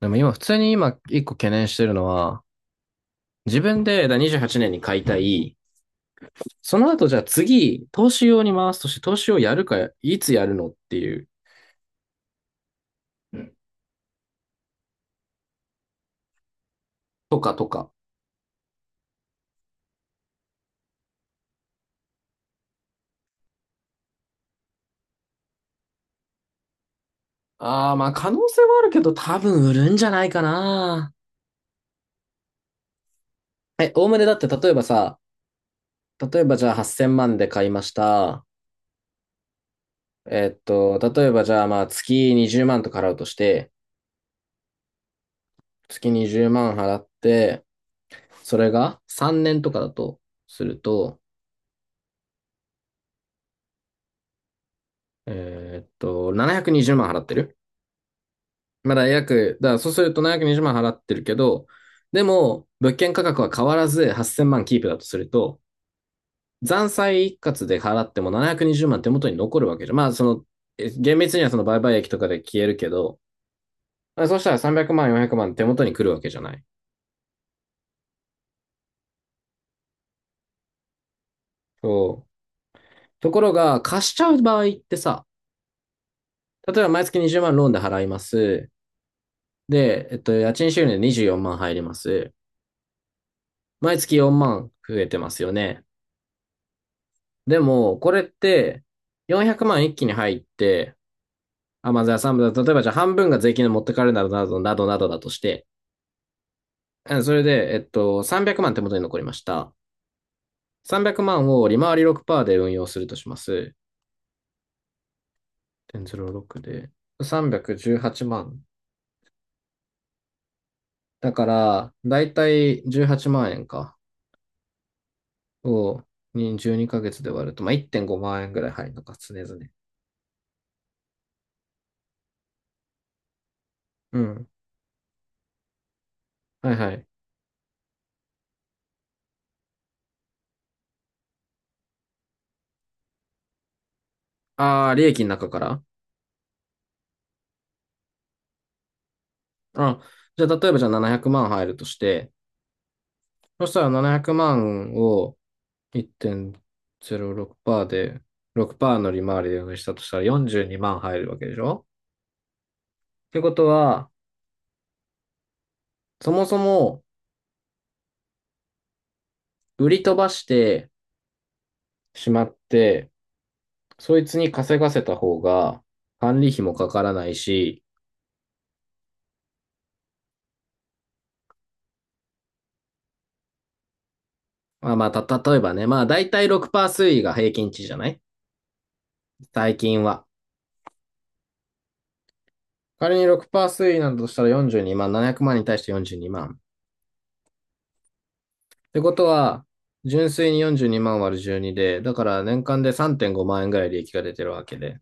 でも今、普通に今、一個懸念してるのは、自分で28年に買いたい、その後じゃあ次、投資用に回すとして、投資をやるか、いつやるのっていう、とかとか。ああ、まあ可能性はあるけど、多分売るんじゃないかな。おおむねだって例えばさ、例えばじゃあ8000万で買いました。例えばじゃあまあ月20万とか払うとして、月20万払って、それが3年とかだとすると、720万払ってるだからそうすると720万払ってるけど、でも、物件価格は変わらず8000万キープだとすると、残債一括で払っても720万手元に残るわけじゃん。まあ、その、厳密にはその売買益とかで消えるけど、そうしたら300万、400万手元に来るわけじゃない。そう。ところが、貸しちゃう場合ってさ、例えば毎月20万ローンで払います。で、家賃収入で24万入ります。毎月4万増えてますよね。でも、これって、400万一気に入って、あ、まあ、じゃあ3分、例えばじゃあ半分が税金で持ってかれるなどなどなどなどだとして、うんそれで、300万手元に残りました。300万を利回り6%で運用するとします。0.06で。318万。だから、だいたい18万円か。を、に12ヶ月で割ると、まあ、1.5万円ぐらい入るのか、常々。うん。はいはい。ああ、利益の中から。あ、じゃあ、例えばじゃあ700万入るとして、そしたら700万を1.06%で、6%の利回りでしたとしたら42万入るわけでしょ。ってことは、そもそも売り飛ばしてしまって、そいつに稼がせた方が管理費もかからないし、まあまあ、例えばね、まあ大体6%推移が平均値じゃない最近は。仮に6%推移なんだとしたら42万、700万に対して42万。てことは、純粋に42万割る12で、だから年間で3.5万円ぐらい利益が出てるわけで。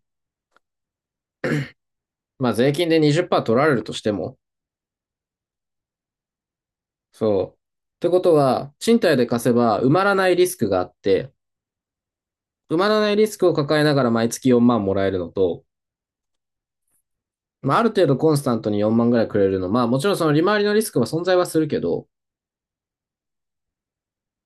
まあ税金で20%取られるとしても、そう。ってことは、賃貸で貸せば埋まらないリスクがあって、埋まらないリスクを抱えながら毎月4万もらえるのと、まあある程度コンスタントに4万ぐらいくれるの、まあもちろんその利回りのリスクは存在はするけど、っ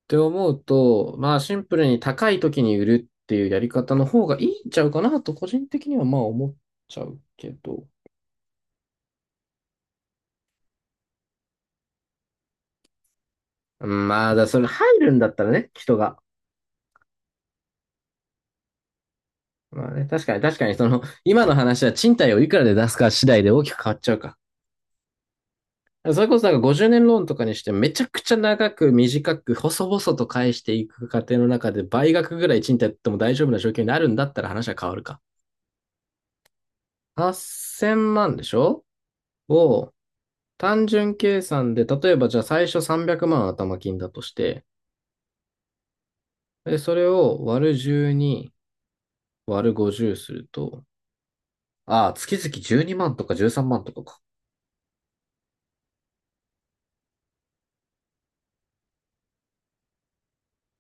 て思うと、まあシンプルに高い時に売るっていうやり方の方がいいんちゃうかなと個人的にはまあ思っちゃうけど。まあ、それ入るんだったらね、人が。まあね、確かに確かに、その、今の話は賃貸をいくらで出すか次第で大きく変わっちゃうか。それこそなんか50年ローンとかにしてめちゃくちゃ長く短く細々と返していく過程の中で倍額ぐらい賃貸やっても大丈夫な状況になるんだったら話は変わるか。8000万でしょ。を単純計算で、例えばじゃあ最初300万頭金だとして、で、それを割る12割る50すると、ああ、月々12万とか13万とかか。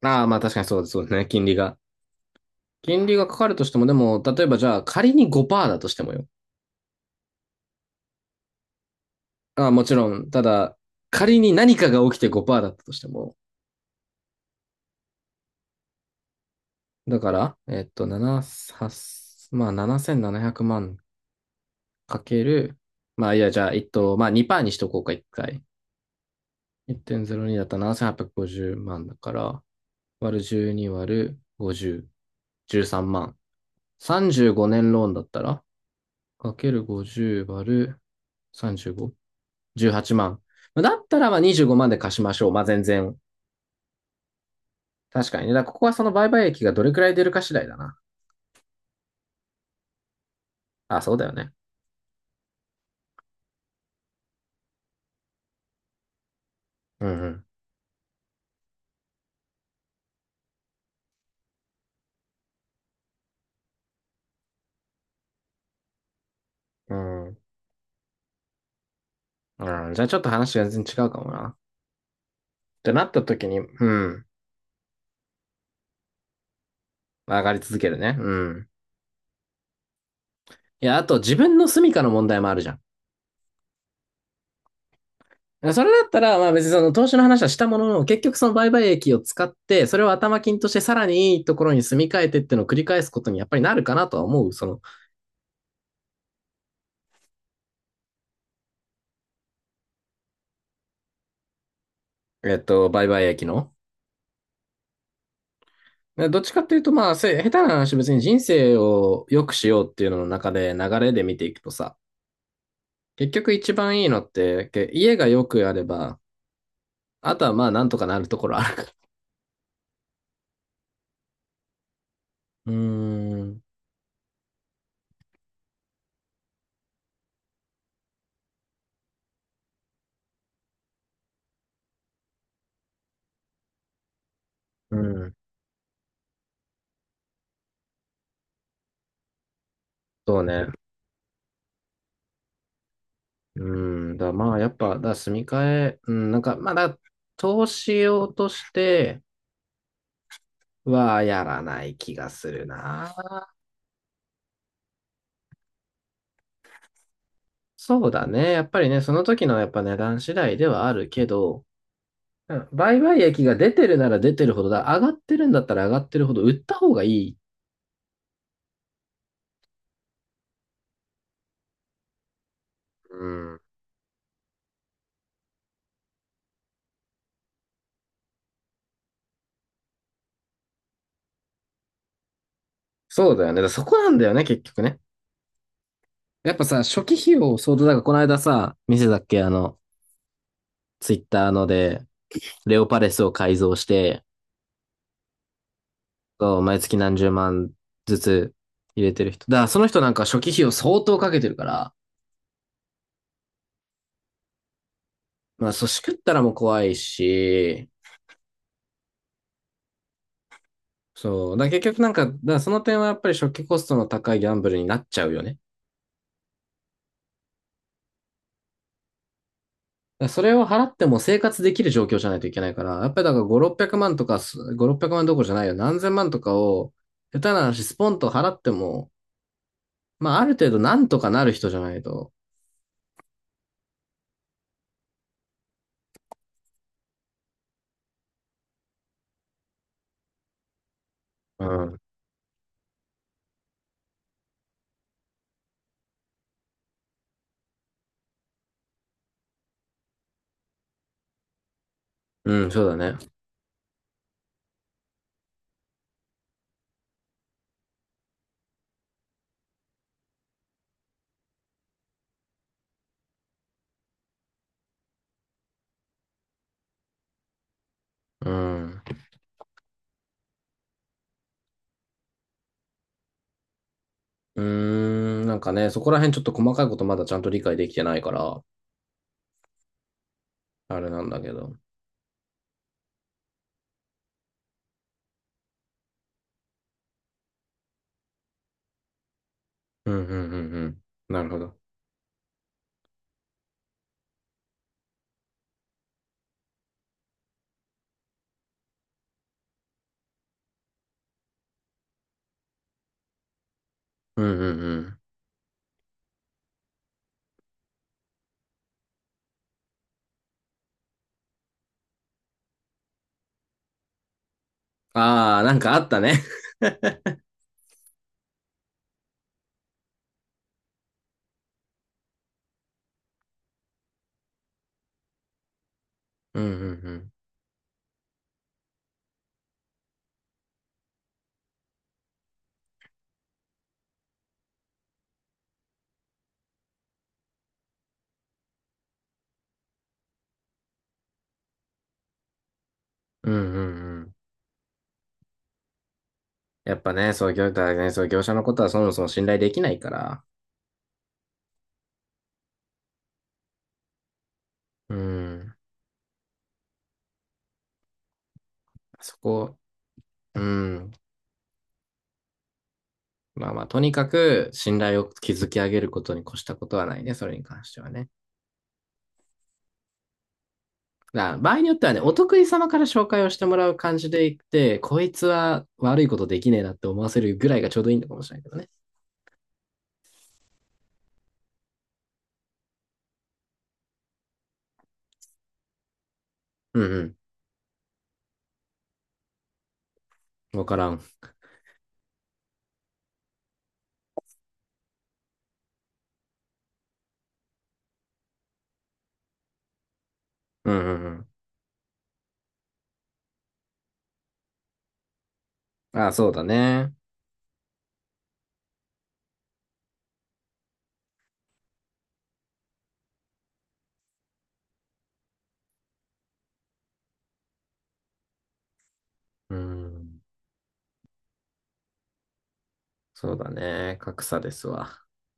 ああ、まあ確かにそうですそうですね。金利が。金利がかかるとしても、でも、例えばじゃあ仮に5%だとしてもよ。ああ、もちろん。ただ、仮に何かが起きて5%だったとしても。だから、7、8まあ7700万かける、まあいや、じゃあ、まあ2%にしとこうか、1回。1.02だったら7850万だから、割る12割る50、13万。35年ローンだったらかける50割る35、18万。じゅうはちまあだったらまあ25万で貸しましょう。まあ全然。確かにね。だからここはその売買益がどれくらい出るか次第だな。あ、そうだよね。うんうん。うん。うん、じゃあちょっと話が全然違うかもな。ってなった時に、うん。上がり続けるね。うん。いや、あと自分の住処の問題もあるじゃん。それだったら、まあ別にその投資の話はしたものの、結局その売買益を使って、それを頭金としてさらにいいところに住み替えてっていうのを繰り返すことにやっぱりなるかなとは思う。その売買益の。でどっちかっていうと、まあ、下手な話、別に人生を良くしようっていうのの中で流れで見ていくとさ、結局一番いいのって、家が良くあれば、あとはまあ、なんとかなるところあるから。うーん、うん、そうね。うん、だからまあ、やっぱ、だから住み替え、うん、なんか、まあ投資用としてはやらない気がするな。そうだね。やっぱりね、その時のやっぱ値段次第ではあるけど、うん、売買益が出てるなら出てるほどだ。上がってるんだったら上がってるほど売った方がいい。うん。そうだよね。だからそこなんだよね、結局ね。やっぱさ、初期費用相当だから、この間さ、見せたっけ、あの、ツイッターので、レオパレスを改造して、そう毎月何十万ずつ入れてる人。だからその人なんか初期費用相当かけてるから、まあ、そう、しくったらもう怖いし、そう。だから結局なんか、だからその点はやっぱり初期コストの高いギャンブルになっちゃうよね。らそれを払っても生活できる状況じゃないといけないから、やっぱりだから5、600万とか5、600万どころじゃないよ。何千万とかを、下手な話、スポンと払っても、まあ、ある程度なんとかなる人じゃないと。うん。うん、そうだね。うん。うーん、なんかね、そこら辺ちょっと細かいことまだちゃんと理解できてないから、あれなんだけど。うん、うん、うん、うん。なるほど。うん、うん、うん。ああ、なんかあったね。うん、うん、うん。うん、うん、うん。やっぱね、そう、業者のことはそもそも信頼できないから、うん、そこ、うん、まあまあ、とにかく信頼を築き上げることに越したことはないね、それに関してはね。だから場合によってはね、お得意様から紹介をしてもらう感じでいって、こいつは悪いことできねえなって思わせるぐらいがちょうどいいのかもしれないけどね。うんうん、わからん。うんうんうん。ああ、そうだね。うん、そうだね。格差ですわ。